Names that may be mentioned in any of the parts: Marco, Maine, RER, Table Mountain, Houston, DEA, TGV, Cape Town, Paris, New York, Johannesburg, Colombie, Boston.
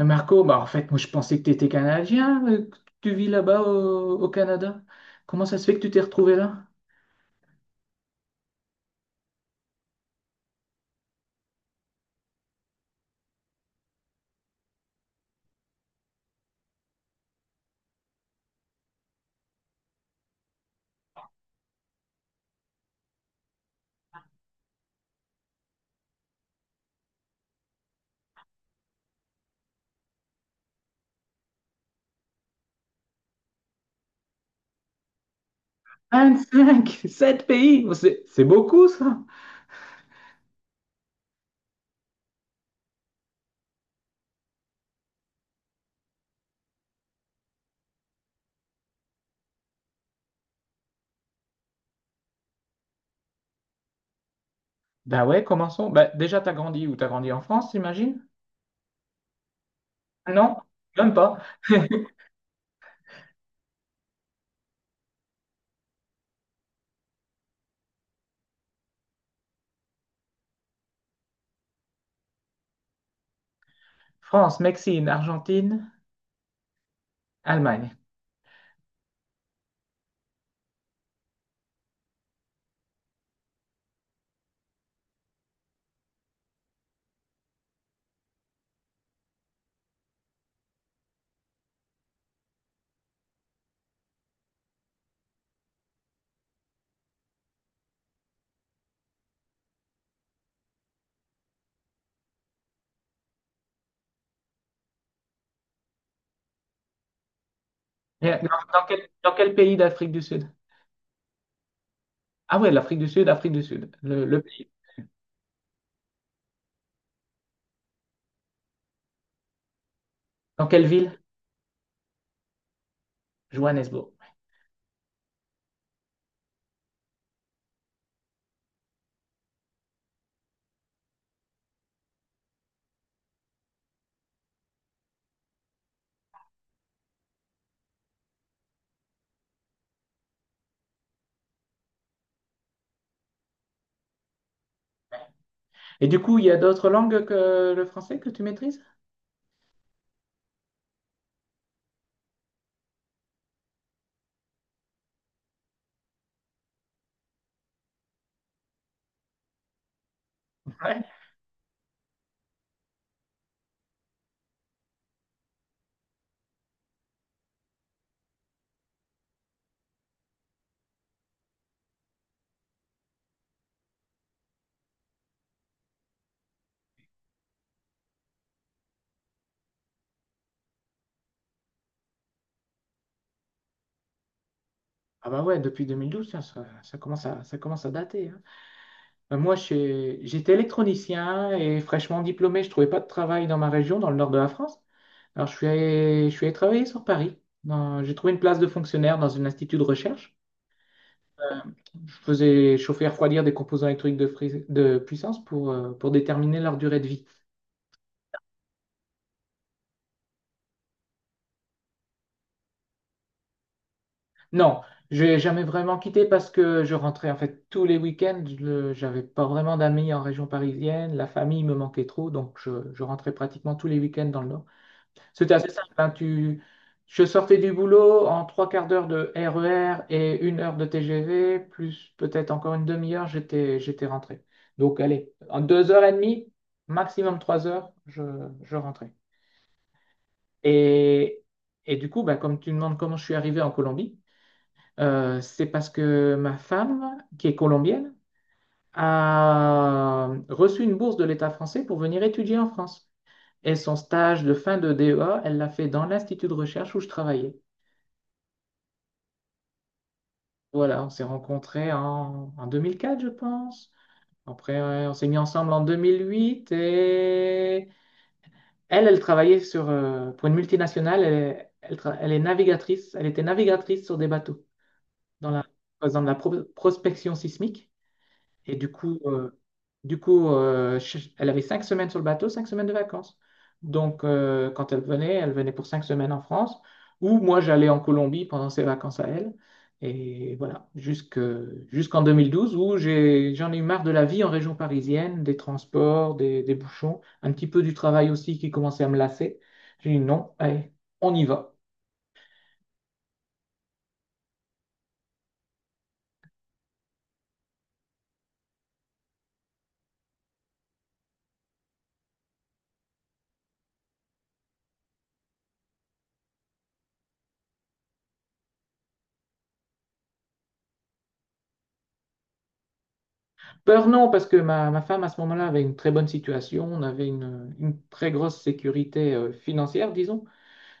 Marco, bah en fait, moi je pensais que tu étais Canadien, que tu vis là-bas au Canada. Comment ça se fait que tu t'es retrouvé là? 25, 7 pays, oh, c'est beaucoup ça. Bah ouais, commençons. Bah, déjà, t'as grandi où? T'as grandi en France, j'imagine? Non, même pas. France, Mexique, Argentine, Allemagne. Dans quel pays d'Afrique du Sud? Ah ouais, l'Afrique du Sud, Afrique du Sud, le pays. Dans quelle ville? Johannesburg. Et du coup, il y a d'autres langues que le français que tu maîtrises? Ouais. Ah bah ouais, depuis 2012, tiens, ça commence à dater, hein. J'étais électronicien et fraîchement diplômé, je trouvais pas de travail dans ma région, dans le nord de la France. Alors, je suis allé travailler sur Paris. J'ai trouvé une place de fonctionnaire dans un institut de recherche. Euh, Je faisais chauffer et refroidir des composants électriques de puissance pour déterminer leur durée de vie. Non, j'ai jamais vraiment quitté parce que je rentrais en fait tous les week-ends. J'avais pas vraiment d'amis en région parisienne. La famille me manquait trop, donc je rentrais pratiquement tous les week-ends dans le Nord. C'était assez simple, hein, je sortais du boulot en trois quarts d'heure de RER et une heure de TGV, plus peut-être encore une demi-heure, j'étais rentré. Donc allez, en deux heures et demie, maximum trois heures, je rentrais. Et, et du coup, bah, comme tu me demandes comment je suis arrivé en Colombie, c'est parce que ma femme, qui est colombienne, a reçu une bourse de l'État français pour venir étudier en France. Et son stage de fin de DEA, elle l'a fait dans l'institut de recherche où je travaillais. Voilà, on s'est rencontrés en 2004, je pense. Après, ouais, on s'est mis ensemble en 2008 et elle, elle travaillait sur, pour une multinationale. Elle est navigatrice. Elle était navigatrice sur des bateaux dans la, par prospection sismique. Et du coup, euh, elle avait cinq semaines sur le bateau, cinq semaines de vacances. Donc, quand elle venait pour cinq semaines en France, ou moi, j'allais en Colombie pendant ses vacances à elle. Et voilà, jusqu'en 2012, où j'en ai eu marre de la vie en région parisienne, des transports, des bouchons, un petit peu du travail aussi qui commençait à me lasser. J'ai dit non, allez, on y va. Peur, non, parce que ma femme, à ce moment-là, avait une très bonne situation. On avait une très grosse sécurité financière, disons.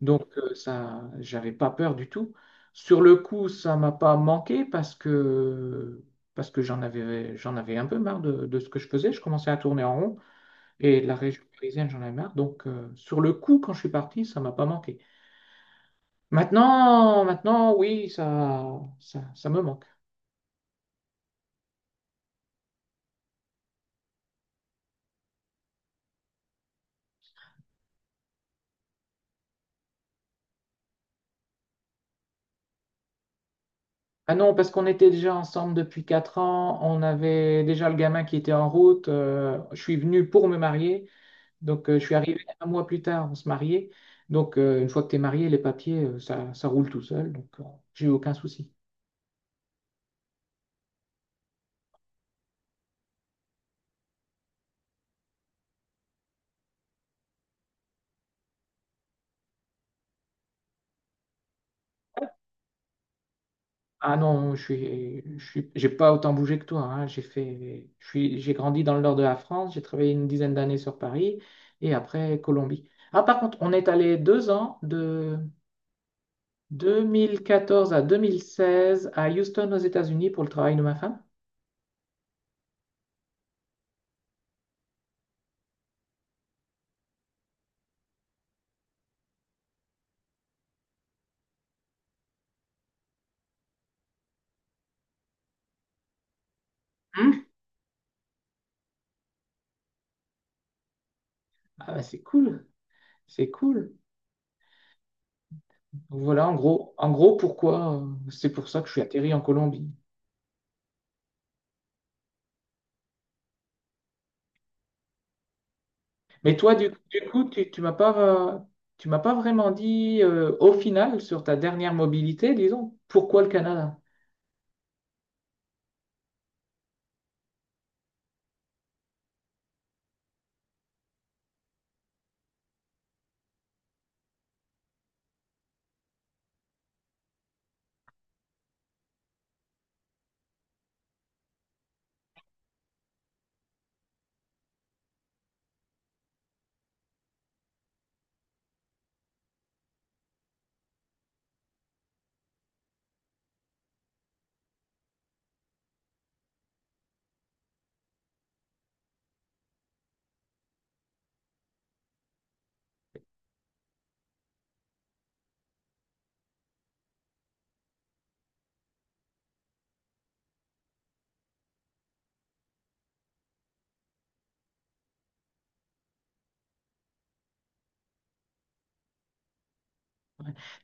Donc, ça, j'avais pas peur du tout. Sur le coup, ça m'a pas manqué parce que j'en avais un peu marre de ce que je faisais. Je commençais à tourner en rond et de la région parisienne, j'en avais marre. Donc, sur le coup, quand je suis parti, ça m'a pas manqué. Maintenant, maintenant, oui, ça me manque. Ah non, parce qu'on était déjà ensemble depuis 4 ans, on avait déjà le gamin qui était en route, je suis venu pour me marier. Donc, je suis arrivé un mois plus tard, on se mariait. Donc, une fois que tu es marié, les papiers, ça roule tout seul. Donc, j'ai eu aucun souci. Ah non, j'ai pas autant bougé que toi, hein. J'ai fait, je suis, j'ai grandi dans le nord de la France. J'ai travaillé une dizaine d'années sur Paris et après Colombie. Ah, par contre, on est allé deux ans de 2014 à 2016 à Houston aux États-Unis pour le travail de ma femme. Hein. Ah bah, c'est cool, c'est cool. Donc voilà, en gros pourquoi c'est pour ça que je suis atterri en Colombie. Mais toi, du coup, euh, tu m'as pas vraiment dit au final sur ta dernière mobilité, disons, pourquoi le Canada?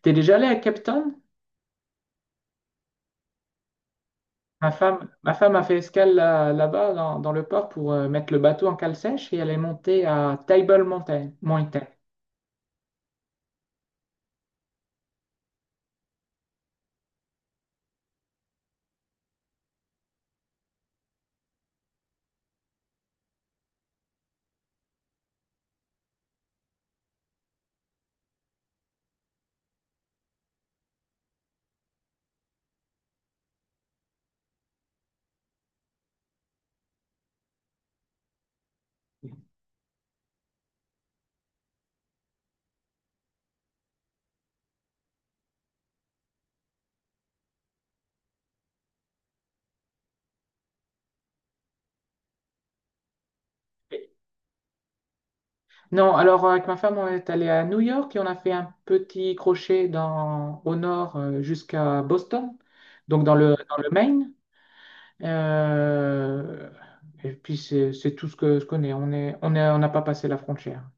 T'es déjà allé à Cape Town? Ma femme a fait escale là-bas dans le port pour mettre le bateau en cale sèche et elle est montée à Table Mountain. Non, alors avec ma femme, on est allé à New York et on a fait un petit crochet au nord jusqu'à Boston, donc dans le Maine. Euh, et puis c'est tout ce que je connais. On n'a pas passé la frontière.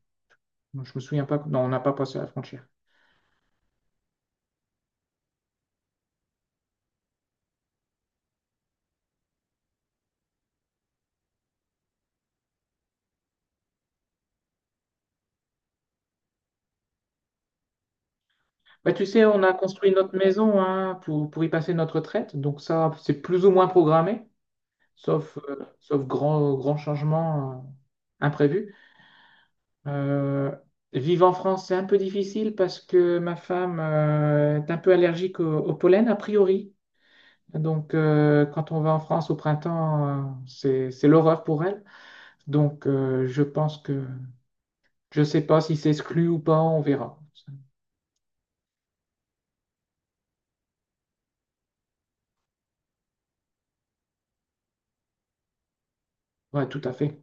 Je me souviens pas. Non, on n'a pas passé la frontière. Bah, tu sais, on a construit notre maison, hein, pour y passer notre retraite. Donc ça, c'est plus ou moins programmé, sauf, sauf grand changement imprévu. Euh, vivre en France, c'est un peu difficile parce que ma femme est un peu allergique au pollen, a priori. Donc, quand on va en France au printemps, c'est l'horreur pour elle. Donc, je pense que je ne sais pas si c'est exclu ou pas, on verra. Ouais, tout à fait.